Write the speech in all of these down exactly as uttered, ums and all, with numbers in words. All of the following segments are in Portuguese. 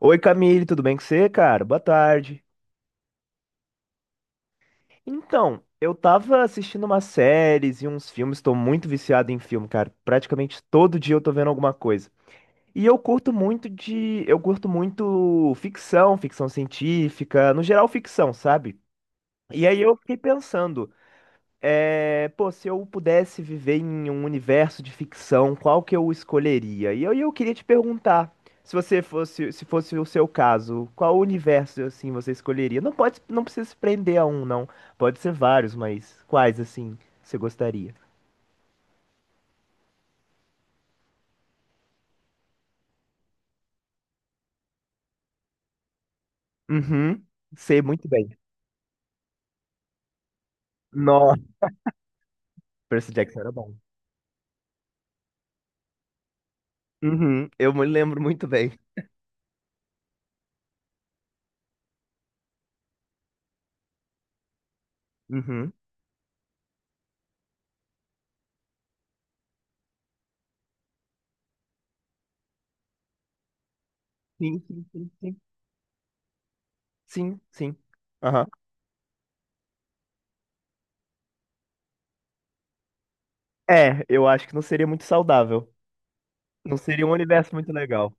Oi Camille, tudo bem com você, cara? Boa tarde. Então, eu tava assistindo umas séries e uns filmes, tô muito viciado em filme, cara. Praticamente todo dia eu tô vendo alguma coisa. E eu curto muito de, eu curto muito ficção, ficção científica, no geral ficção, sabe? E aí eu fiquei pensando, é, pô, se eu pudesse viver em um universo de ficção, qual que eu escolheria? E eu, e eu queria te perguntar, se você fosse, se fosse o seu caso, qual universo assim você escolheria? Não pode, não precisa se prender a um, não. Pode ser vários, mas quais assim você gostaria? Uhum, sei muito bem. Nossa, Percy Jackson era bom. Uhum, eu me lembro muito bem. Uhum. Sim, sim, sim, sim. Sim, sim. Aham. É, eu acho que não seria muito saudável. Não seria um universo muito legal.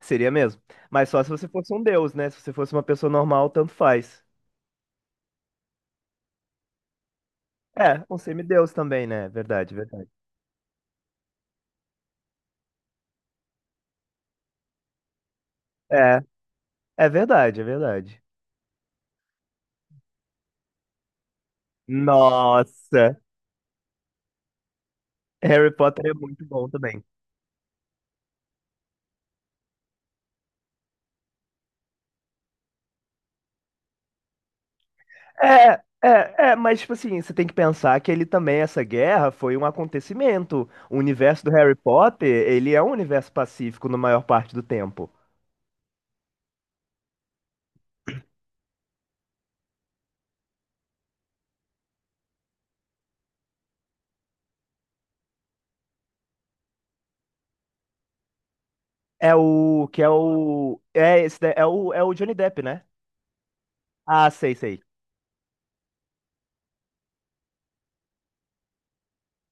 Seria mesmo. Mas só se você fosse um deus, né? Se você fosse uma pessoa normal, tanto faz. É, um semideus também, né? Verdade, verdade. É, é verdade, é verdade. Nossa, Harry Potter é muito bom também. É, é, é, mas tipo assim, você tem que pensar que ele também, essa guerra foi um acontecimento. O universo do Harry Potter, ele é um universo pacífico na maior parte do tempo. É o que é o é esse da- é o é o Johnny Depp, né? Ah, sei, sei.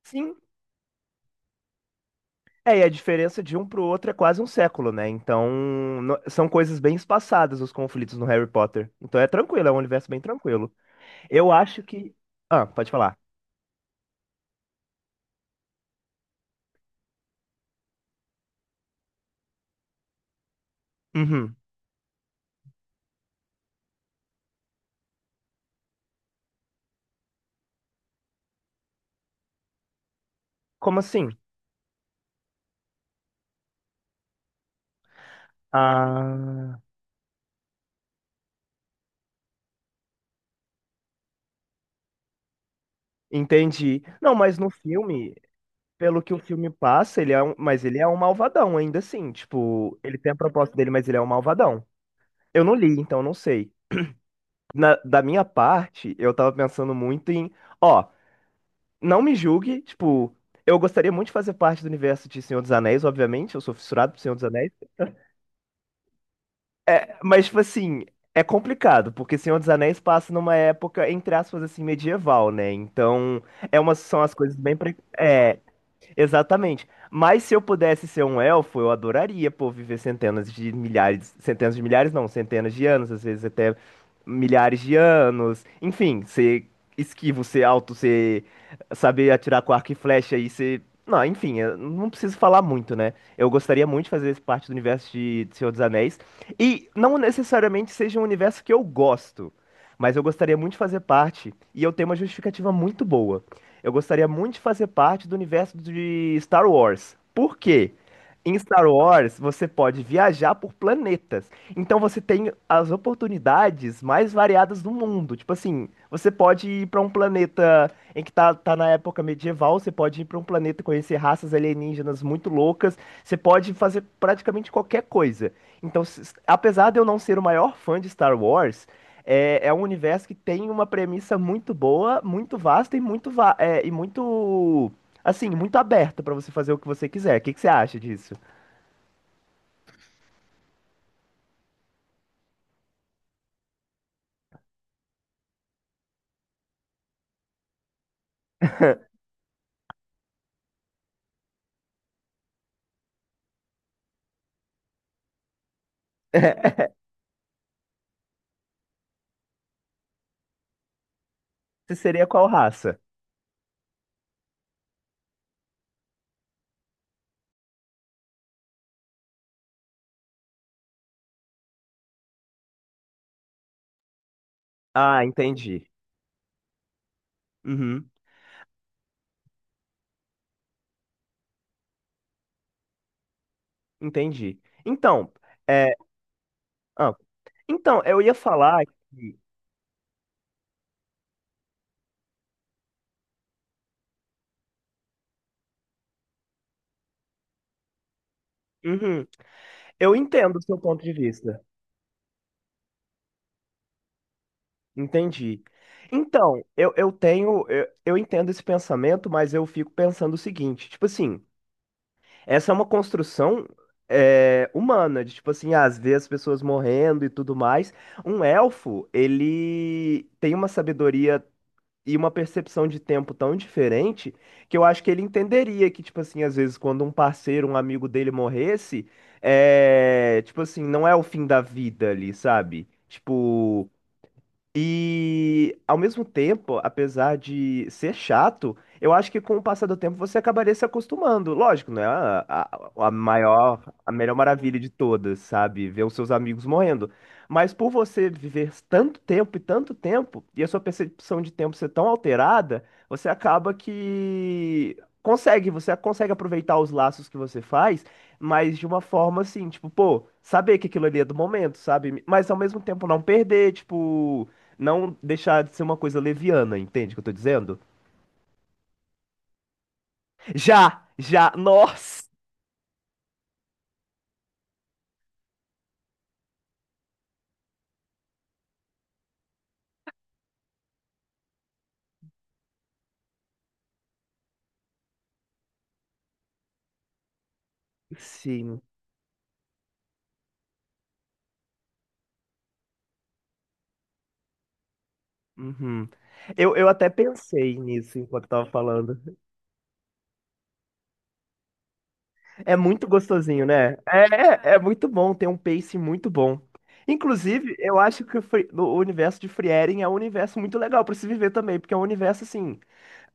Sim, é, e a diferença de um pro outro é quase um século, né? Então, no- são coisas bem espaçadas os conflitos no Harry Potter. Então é tranquilo, é um universo bem tranquilo. Eu acho que. Ah, pode falar. Uhum. Como assim? Ah, entendi. Não, mas no filme, pelo que o filme passa, ele é um... mas ele é um malvadão ainda assim. Tipo, ele tem a proposta dele, mas ele é um malvadão. Eu não li, então não sei. Na- Da minha parte, eu tava pensando muito em. Ó. Não me julgue, tipo, eu gostaria muito de fazer parte do universo de Senhor dos Anéis, obviamente, eu sou fissurado por Senhor dos Anéis. É, mas, tipo assim, é complicado, porque Senhor dos Anéis passa numa época, entre aspas, assim, medieval, né? Então, é uma, são as coisas bem. pre- É, Exatamente. Mas se eu pudesse ser um elfo, eu adoraria, pô, viver centenas de milhares, centenas de milhares não, centenas de anos, às vezes até milhares de anos. Enfim, ser esquivo, ser alto, ser saber atirar com arco e flecha e ser, não, enfim, eu não preciso falar muito, né? Eu gostaria muito de fazer parte do universo de Senhor dos Anéis e não necessariamente seja um universo que eu gosto, mas eu gostaria muito de fazer parte e eu tenho uma justificativa muito boa. Eu gostaria muito de fazer parte do universo de Star Wars. Por quê? Em Star Wars, você pode viajar por planetas. Então você tem as oportunidades mais variadas do mundo. Tipo assim, você pode ir para um planeta em que tá, tá na época medieval, você pode ir para um planeta e conhecer raças alienígenas muito loucas, você pode fazer praticamente qualquer coisa. Então, s- apesar de eu não ser o maior fã de Star Wars, é, é um universo que tem uma premissa muito boa, muito vasta e muito, va- é, e muito, assim, muito aberta pra você fazer o que você quiser. O que que você acha disso? Você seria qual raça? Ah, entendi. Uhum, entendi. Então, é, ah, então, eu ia falar que, uhum, eu entendo o seu ponto de vista. Entendi. Então, eu, eu tenho, eu, eu entendo esse pensamento, mas eu fico pensando o seguinte, tipo assim. Essa é uma construção, é, humana, de tipo assim, às vezes as pessoas morrendo e tudo mais. Um elfo, ele tem uma sabedoria e uma percepção de tempo tão diferente que eu acho que ele entenderia que, tipo assim, às vezes quando um parceiro, um amigo dele morresse, é, tipo assim, não é o fim da vida ali, sabe? Tipo, e ao mesmo tempo, apesar de ser chato, eu acho que com o passar do tempo você acabaria se acostumando. Lógico, não é a, a- a maior, a melhor maravilha de todas, sabe? Ver os seus amigos morrendo. Mas por você viver tanto tempo e tanto tempo, e a sua percepção de tempo ser tão alterada, você acaba que consegue, você consegue aproveitar os laços que você faz, mas de uma forma assim, tipo, pô, saber que aquilo ali é do momento, sabe? Mas ao mesmo tempo não perder, tipo não deixar de ser uma coisa leviana, entende o que eu tô dizendo? Já, já, nossa! Sim. Uhum. Eu, eu até pensei nisso enquanto eu tava falando. É muito gostosinho, né? É, é é muito bom, tem um pace muito bom. Inclusive, eu acho que o, Free- o universo de Frieren é um universo muito legal pra se viver também, porque é um universo assim,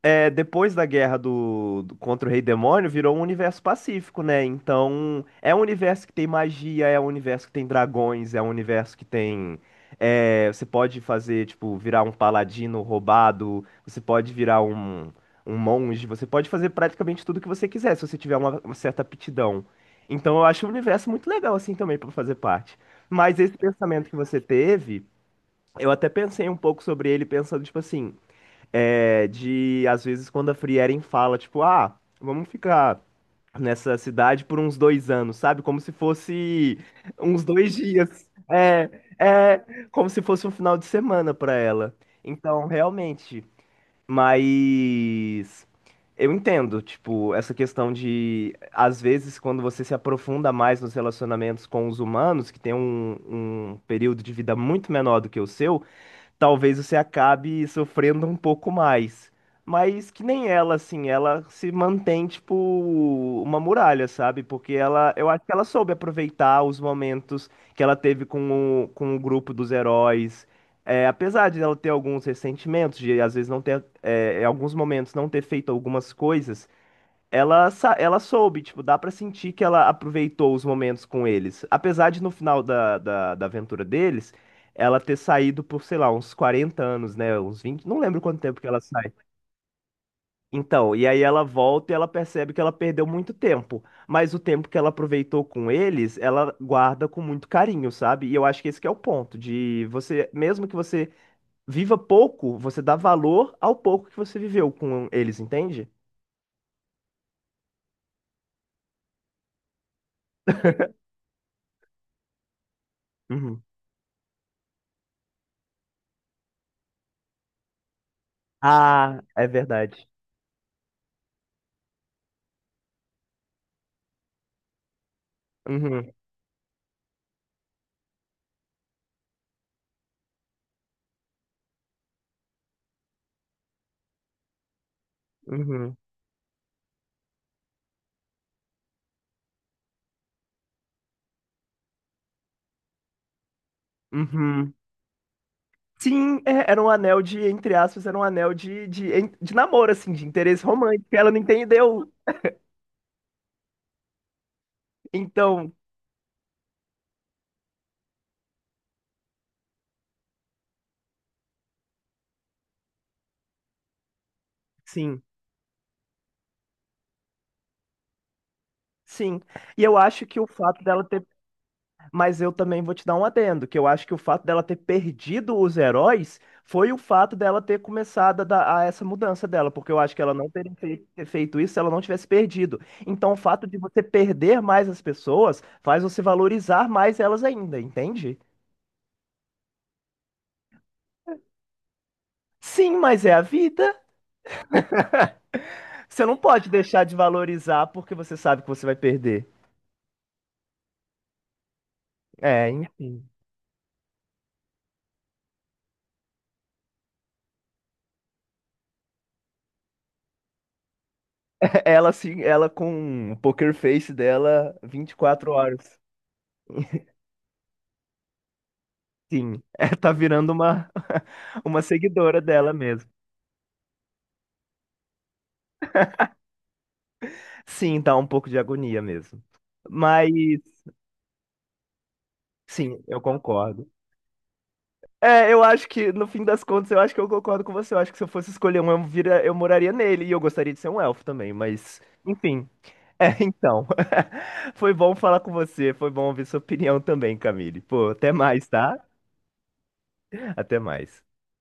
é, depois da guerra do, do- contra o Rei Demônio, virou um universo pacífico, né? Então, é um universo que tem magia, é um universo que tem dragões, é um universo que tem. É, você pode fazer, tipo, virar um paladino roubado, você pode virar um, um monge, você pode fazer praticamente tudo que você quiser, se você tiver uma, uma certa aptidão. Então, eu acho o universo muito legal, assim, também, pra fazer parte. Mas esse pensamento que você teve, eu até pensei um pouco sobre ele, pensando, tipo assim. É, de, às vezes, quando a Frieren fala, tipo, ah, vamos ficar nessa cidade por uns dois anos, sabe? Como se fosse uns dois dias. É, é, como se fosse um final de semana pra ela. Então, realmente, mas eu entendo, tipo, essa questão de, às vezes, quando você se aprofunda mais nos relacionamentos com os humanos, que tem um, um período de vida muito menor do que o seu, talvez você acabe sofrendo um pouco mais. Mas que nem ela, assim, ela se mantém, tipo, uma muralha, sabe? Porque ela, eu acho que ela soube aproveitar os momentos que ela teve com o, com o grupo dos heróis. É, apesar de ela ter alguns ressentimentos, de às vezes não ter, é, em alguns momentos não ter feito algumas coisas, ela, sa- ela soube, tipo, dá pra sentir que ela aproveitou os momentos com eles. Apesar de no final da, da, da aventura deles, ela ter saído por, sei lá, uns quarenta anos, né? Uns vinte não lembro quanto tempo que ela sai. Então, e aí ela volta e ela percebe que ela perdeu muito tempo. Mas o tempo que ela aproveitou com eles, ela guarda com muito carinho, sabe? E eu acho que esse que é o ponto, de você, mesmo que você viva pouco, você dá valor ao pouco que você viveu com eles, entende? Uhum. Ah, é verdade. Uhum, uhum, uhum. Sim, é, era um anel de, entre aspas, era um anel de, de, en- de namoro, assim, de interesse romântico. Ela não entendeu. Então, sim, sim. E eu acho que o fato dela ter. Mas eu também vou te dar um adendo, que eu acho que o fato dela ter perdido os heróis foi o fato dela ter começado a, dar- a essa mudança dela, porque eu acho que ela não teria fe- ter feito isso se ela não tivesse perdido. Então, o fato de você perder mais as pessoas faz você valorizar mais elas ainda, entende? Sim, mas é a vida. Você não pode deixar de valorizar porque você sabe que você vai perder. É, enfim. Ela sim, ela com o poker face dela vinte e quatro horas. Sim, é, tá virando uma uma seguidora dela mesmo. Sim, dá um pouco de agonia mesmo. Mas sim, eu concordo. É, eu acho que no fim das contas eu acho que eu concordo com você. Eu acho que se eu fosse escolher um, eu, vira, eu moraria nele e eu gostaria de ser um elfo também, mas enfim. É, então. Foi bom falar com você, foi bom ouvir sua opinião também, Camille. Pô, até mais, tá? Até mais.